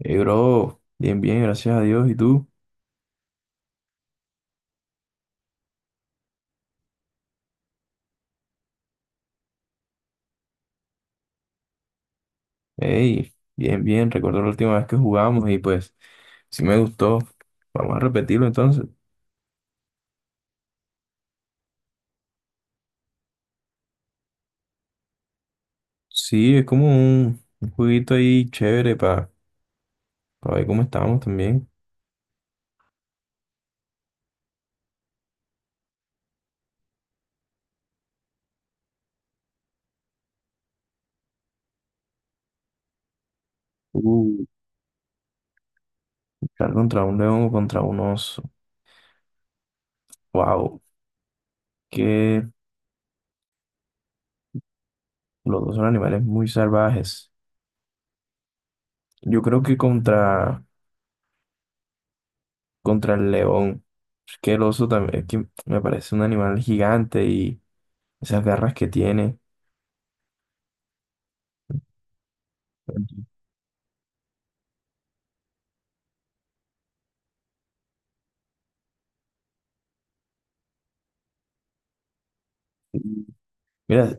Hey, bro, bien, bien, gracias a Dios. ¿Y tú? Hey, bien, bien. Recuerdo la última vez que jugamos y pues sí me gustó. Vamos a repetirlo entonces. Sí, es como un jueguito ahí chévere para ver cómo estábamos también. Uh, Luchar contra un león o contra un oso. Wow, que los dos son animales muy salvajes. Yo creo que contra el león. Es que el oso también, es que me parece un animal gigante y esas garras que tiene. Mira,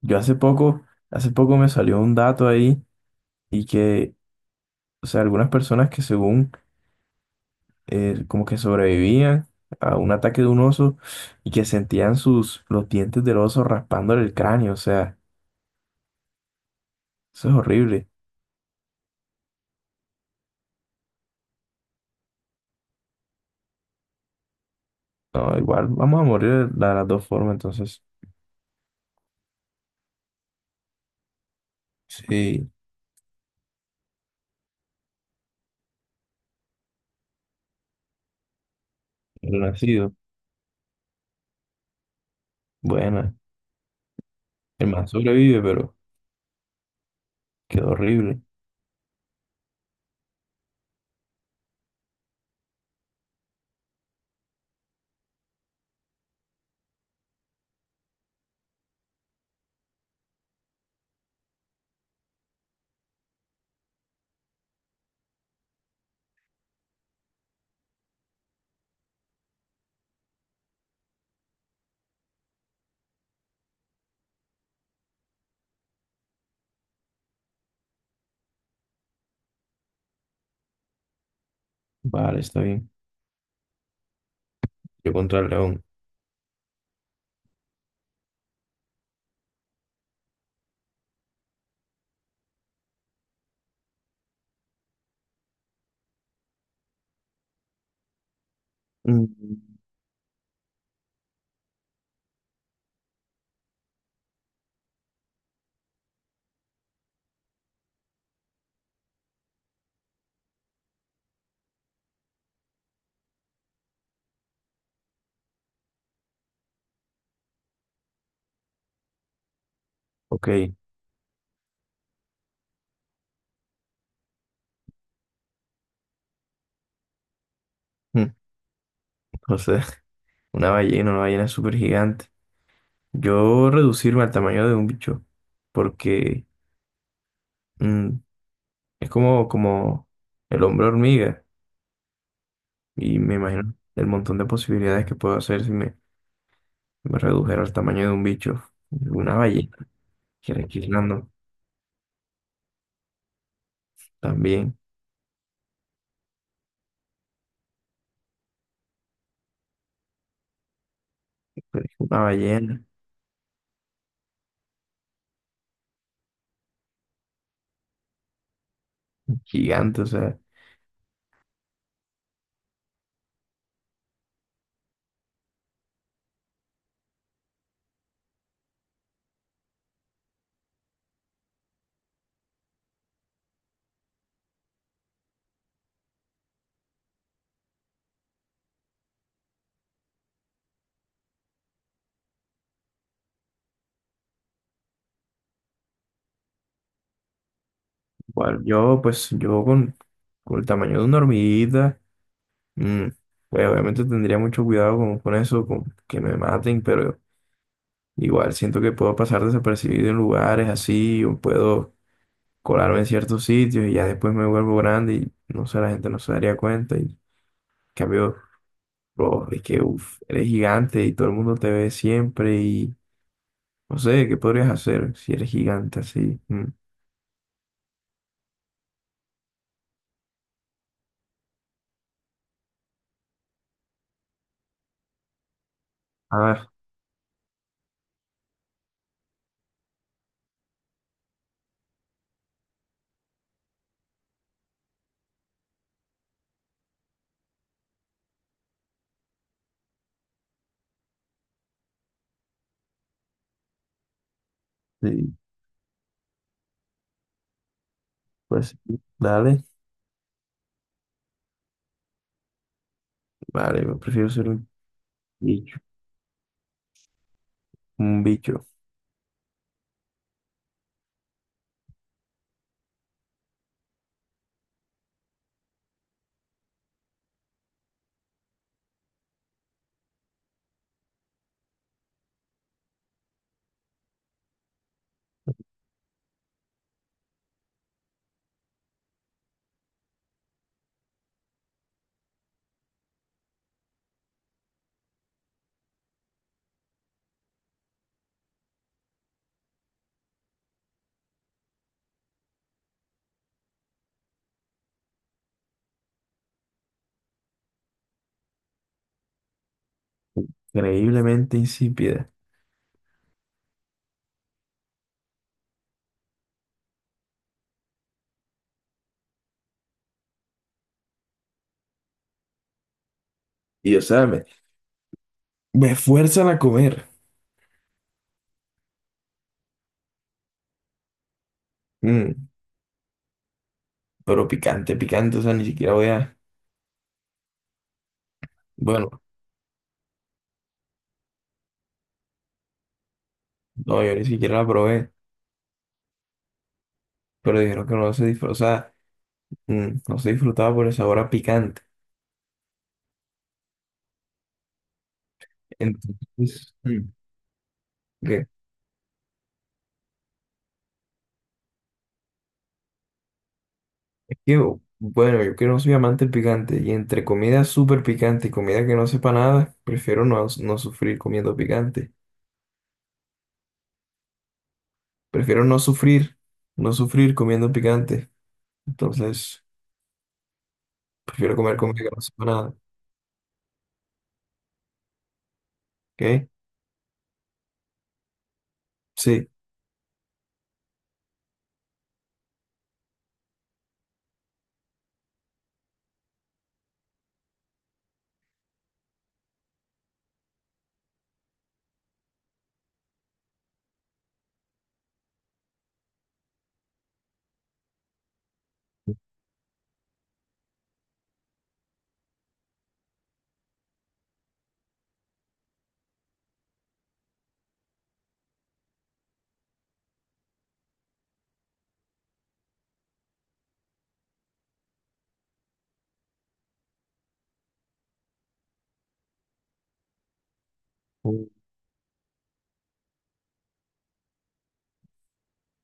yo hace poco me salió un dato ahí y que, o sea, algunas personas que según como que sobrevivían a un ataque de un oso y que sentían sus, los dientes del oso raspándole el cráneo, o sea, eso es horrible. No, igual vamos a morir de las dos formas, entonces, sí, el nacido, buena, el man sobrevive, pero quedó horrible. Vale, está bien. Yo contra el león. Mm, ok, no sé, una ballena súper gigante. Yo reducirme al tamaño de un bicho, porque mm, es como el hombre hormiga, y me imagino el montón de posibilidades que puedo hacer si me redujera al tamaño de un bicho. De una ballena, que requiriendo también, pero es una ballena gigante, o sea, igual yo, pues yo con el tamaño de una hormiguita, mm, pues obviamente tendría mucho cuidado con eso, con que me maten, pero igual siento que puedo pasar desapercibido en lugares así, o puedo colarme en ciertos sitios y ya después me vuelvo grande y no sé, la gente no se daría cuenta. Y en cambio, bro, es que uf, eres gigante y todo el mundo te ve siempre y no sé, ¿qué podrías hacer si eres gigante así? Mm. Ah, sí, pues dale. Vale, yo prefiero ser un bicho, un bicho. Increíblemente insípida. Y o sea, me fuerzan a comer. Mm, pero picante, picante, o sea, ni siquiera voy a... Bueno. No, yo ni siquiera la probé, pero dijeron que no se disfrutaba, no se disfrutaba por el sabor a picante. Entonces, que- es que, bueno, yo que no soy amante del picante, y entre comida súper picante y comida que no sepa nada, prefiero no sufrir comiendo picante. Prefiero no sufrir, no sufrir comiendo picante. Entonces, prefiero comer comida que no sepa nada. ¿Ok? Sí. Mm,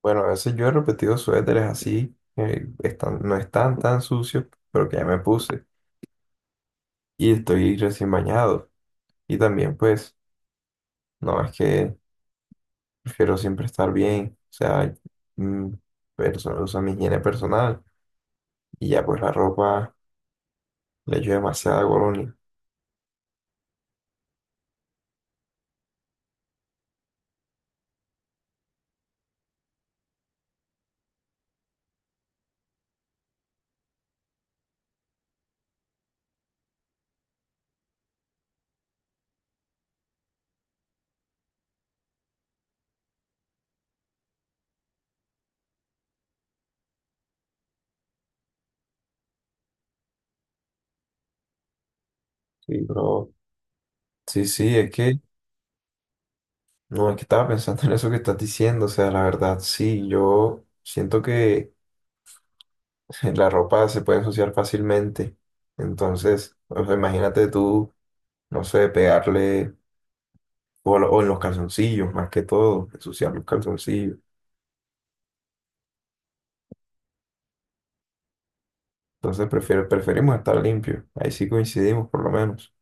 Bueno, a veces yo he repetido suéteres así, no están tan sucios, pero que ya me puse, y estoy recién bañado. Y también, pues, no, es que prefiero siempre estar bien, o sea, mm, o sea, mi higiene personal y ya, pues, la ropa le echo demasiada colonia. Sí, bro. Sí, sí, es que, no, es que estaba pensando en eso que estás diciendo, o sea, la verdad, sí, yo siento que la ropa se puede ensuciar fácilmente. Entonces, o sea, imagínate tú, no sé, pegarle, o o en los calzoncillos, más que todo, ensuciar los calzoncillos. Entonces prefiero, preferimos estar limpio. Ahí sí coincidimos, por lo menos.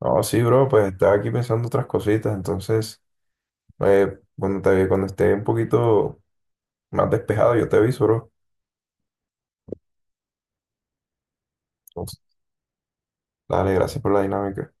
No, sí, bro, pues estaba aquí pensando otras cositas. Entonces, cuando esté un poquito más despejado, yo te aviso, bro. Entonces, dale, gracias por la dinámica.